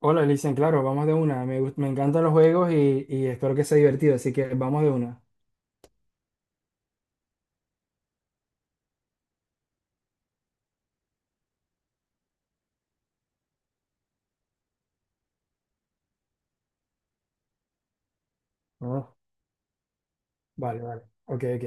Hola, Licen, claro, vamos de una. Me encantan los juegos y espero que sea divertido, así que vamos de una. Ah, vale, vale. Ok, ok.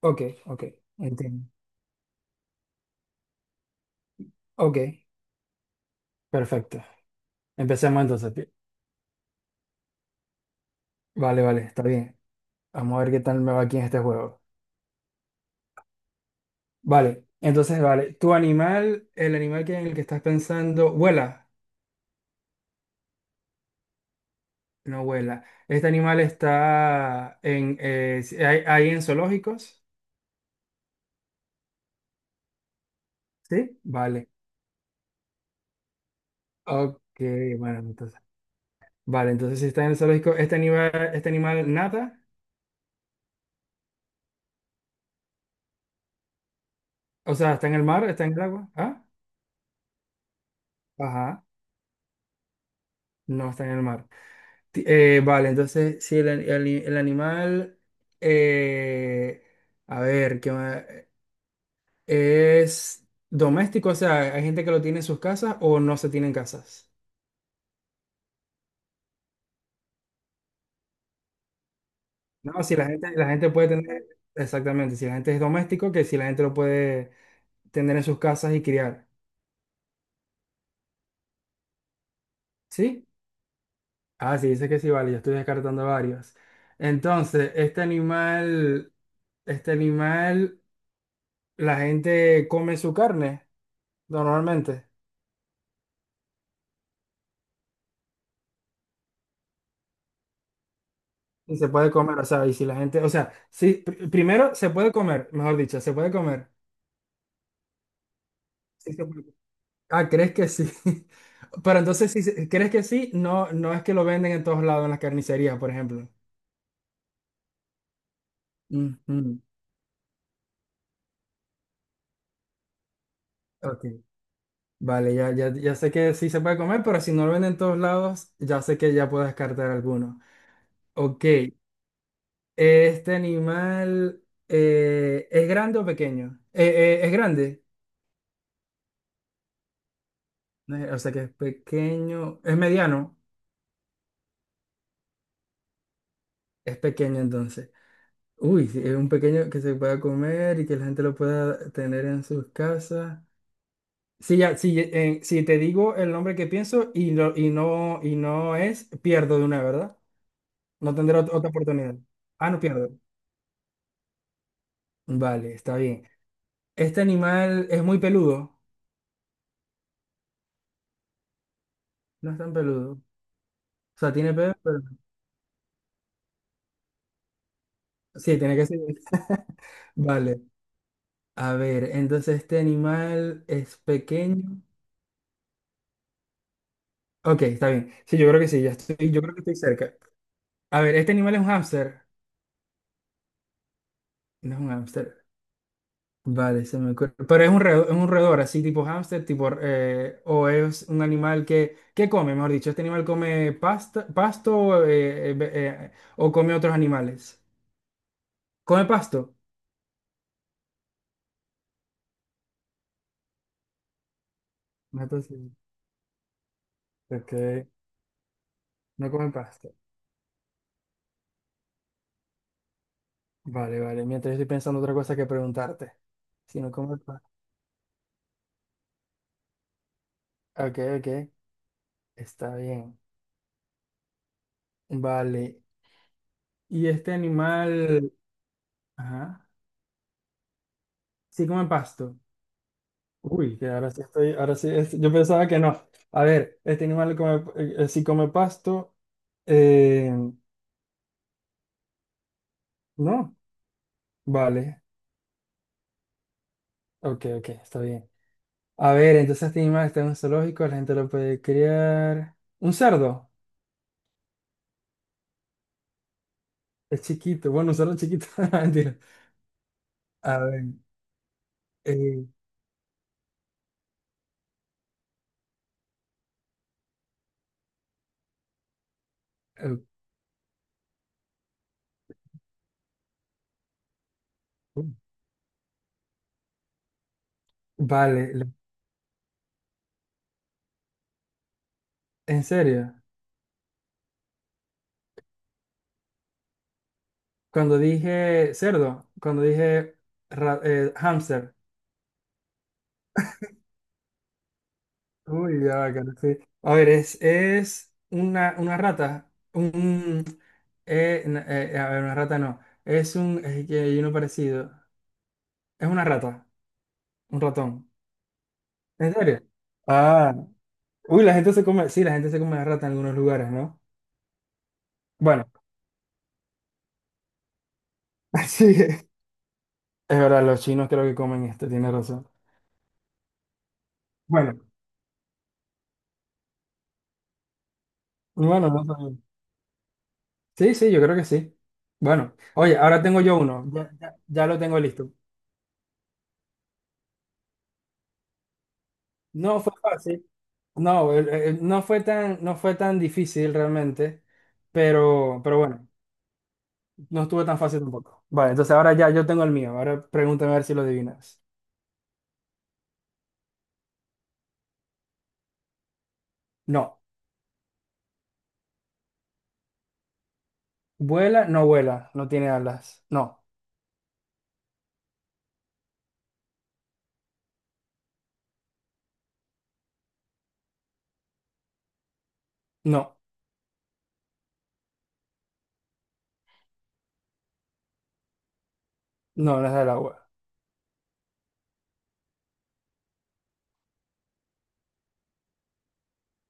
Ok, ok. Entiendo. Ok, perfecto. Empecemos entonces. Vale, vale, está bien. Vamos a ver qué tal me va aquí en este juego. Vale, entonces, vale. ¿Tu animal, el animal que en el que estás pensando, vuela? No vuela. ¿Este animal está en, hay, hay en zoológicos? Sí. Vale. Ok, bueno, entonces. Vale, entonces si está en el zoológico, este animal nada, o sea, está en el mar, está en el agua, ¿ah? Ajá, no está en el mar. Vale, entonces si el animal, eh, a ver, ¿qué más? ¿Es doméstico? O sea, ¿hay gente que lo tiene en sus casas o no se tiene en casas? No, si la gente, la gente puede tener, exactamente, si la gente es doméstico, que si la gente lo puede tener en sus casas y criar, ¿sí? Ah, sí, dice que sí, vale, yo estoy descartando varios. Entonces, este animal, la gente come su carne normalmente y se puede comer, o sea, y si la gente, o sea, sí, primero se puede comer, mejor dicho, se puede comer. Sí, se puede. Ah, ¿crees que sí? Pero entonces, si se- crees que sí, no, no es que lo venden en todos lados en las carnicerías, por ejemplo. Ujú, ok. Vale, ya, ya, ya sé que sí se puede comer, pero si no lo venden en todos lados, ya sé que ya puedo descartar alguno. Ok, este animal, ¿es grande o pequeño? ¿Es grande? O sea, ¿que es pequeño, es mediano? Es pequeño entonces. Uy, sí, es un pequeño que se pueda comer y que la gente lo pueda tener en sus casas. Sí, ya, sí, si te digo el nombre que pienso y no, y no, y no es, pierdo de una, ¿verdad? No tendré otra oportunidad. Ah, no pierdo. Vale, está bien. ¿Este animal es muy peludo? No es tan peludo. O sea, tiene pelo, pero... Sí, tiene que ser. Vale. A ver, entonces este animal es pequeño. Ok, está bien. Sí, yo creo que sí, ya estoy, yo creo que estoy cerca. A ver, ¿este animal es un hámster? No es un hámster. Vale, se me ocurre. Pero ¿es un roedor, es un roedor, así tipo hámster, tipo, o es un animal que come, mejor dicho, este animal come pasta, pasto, o come otros animales? ¿Come pasto? No, entonces, ok, no come pasto. Vale, vale. Mientras, estoy pensando otra cosa que preguntarte. Si no, ¿cómo está? Ok, ok. Está bien. Vale. ¿Y este animal, ajá, sí come pasto? Uy, que ahora sí estoy, ahora sí, yo pensaba que no. A ver, este animal come, sí come pasto. Eh, no. Vale. Ok, ok, está bien. A ver, entonces este animal está en un zoológico, la gente lo puede criar. ¿Un cerdo? Es chiquito. Bueno, un cerdo chiquito. Mentira. A ver. Eh, ok. Vale, ¿en serio? Cuando dije cerdo, cuando dije hámster. Uy, ya va, que no sé. A ver, es una rata. Un, a ver, una rata no. Es un, es que hay uno parecido. Es una rata, un ratón. ¿En serio? Ah, uy, la gente se come, sí, la gente se come la rata en algunos lugares, ¿no? Bueno, sí, es... Es verdad, los chinos creo que comen esto, tiene razón. Bueno, bueno, no sabía. Sí, sí, yo creo que sí. Bueno, oye, ahora tengo yo uno. Ya, ya lo tengo listo. No fue fácil. No, no fue tan, no fue tan difícil realmente, pero bueno, no estuvo tan fácil tampoco. Vale, entonces ahora ya yo tengo el mío. Ahora pregúntame a ver si lo adivinas. No. Vuela, no vuela, no tiene alas. No, no, no es del agua.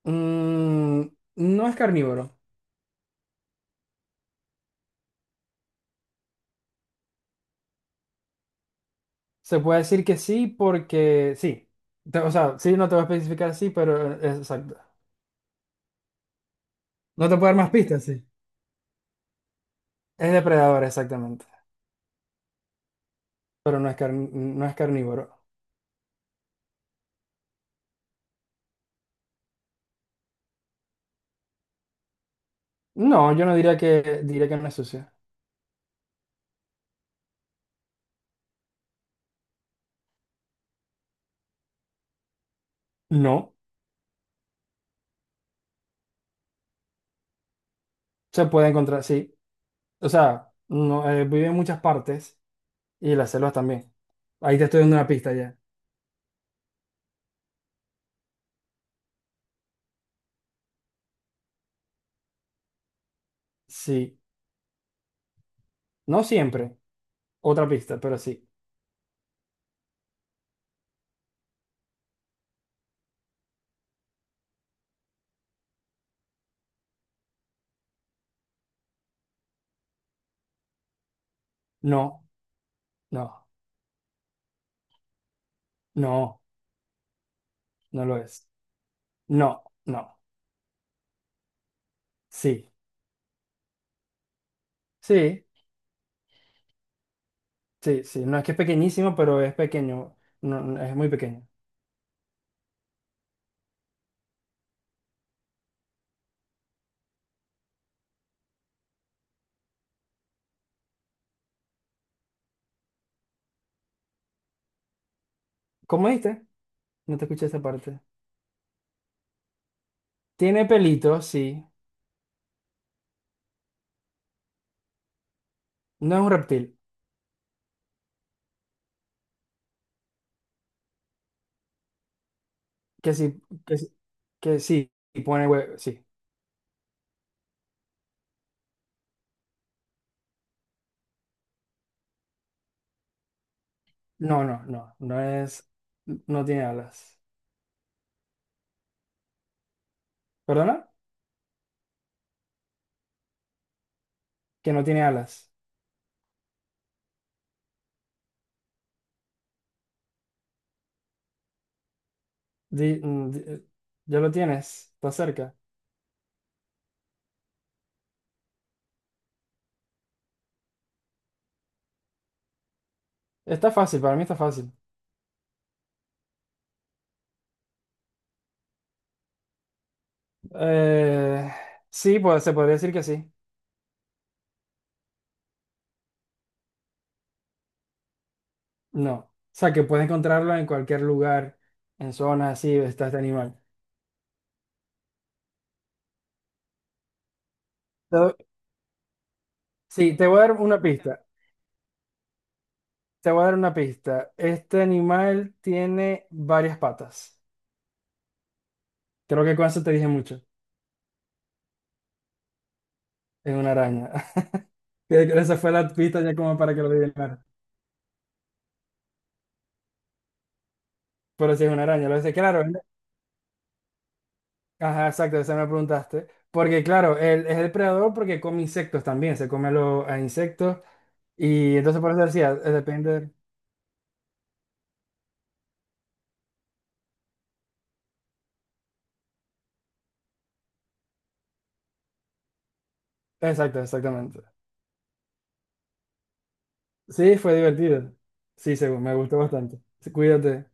Mm, no es carnívoro. Se puede decir que sí porque sí. O sea, sí, no te voy a especificar sí, pero exacto. No te puedo dar más pistas, sí. Es depredador, exactamente. Pero no es carnívoro. No, yo no diría que... Diría que no es sucia. No, se puede encontrar, sí. O sea, no, vive en muchas partes y las selvas también. Ahí te estoy dando una pista ya. Sí. No siempre. Otra pista, pero sí. No, no, no, no lo es. No, no. Sí, sí, sí, sí. No es que es pequeñísimo, pero es pequeño. No, no, es muy pequeño. ¿Cómo dijiste? No te escuché esa parte. Tiene pelito, sí. No es un reptil. Que sí, que sí, y pone huevo, sí. No, no, no es, no tiene alas. ¿Perdona? Que no tiene alas. Di- mm, di- eh, ya lo tienes, está cerca. Está fácil, para mí está fácil. Eh, sí, pues se podría decir que sí. No. O sea, que puedes encontrarlo en cualquier lugar, en zonas así, está este animal. Te doy- Sí, te voy a dar una pista. Te voy a dar una pista. Este animal tiene varias patas. Creo que con eso te dije mucho. Es una araña. Que esa fue la pista ya como para que lo adivinara. Pero sí es una araña. Lo dice, claro. Él... Ajá, exacto, esa me preguntaste. Porque claro, él es el predador porque come insectos también. A insectos. Y entonces por eso decía, depende. Exacto, exactamente. Sí, fue divertido. Sí, seguro. Me gustó bastante. Sí, cuídate.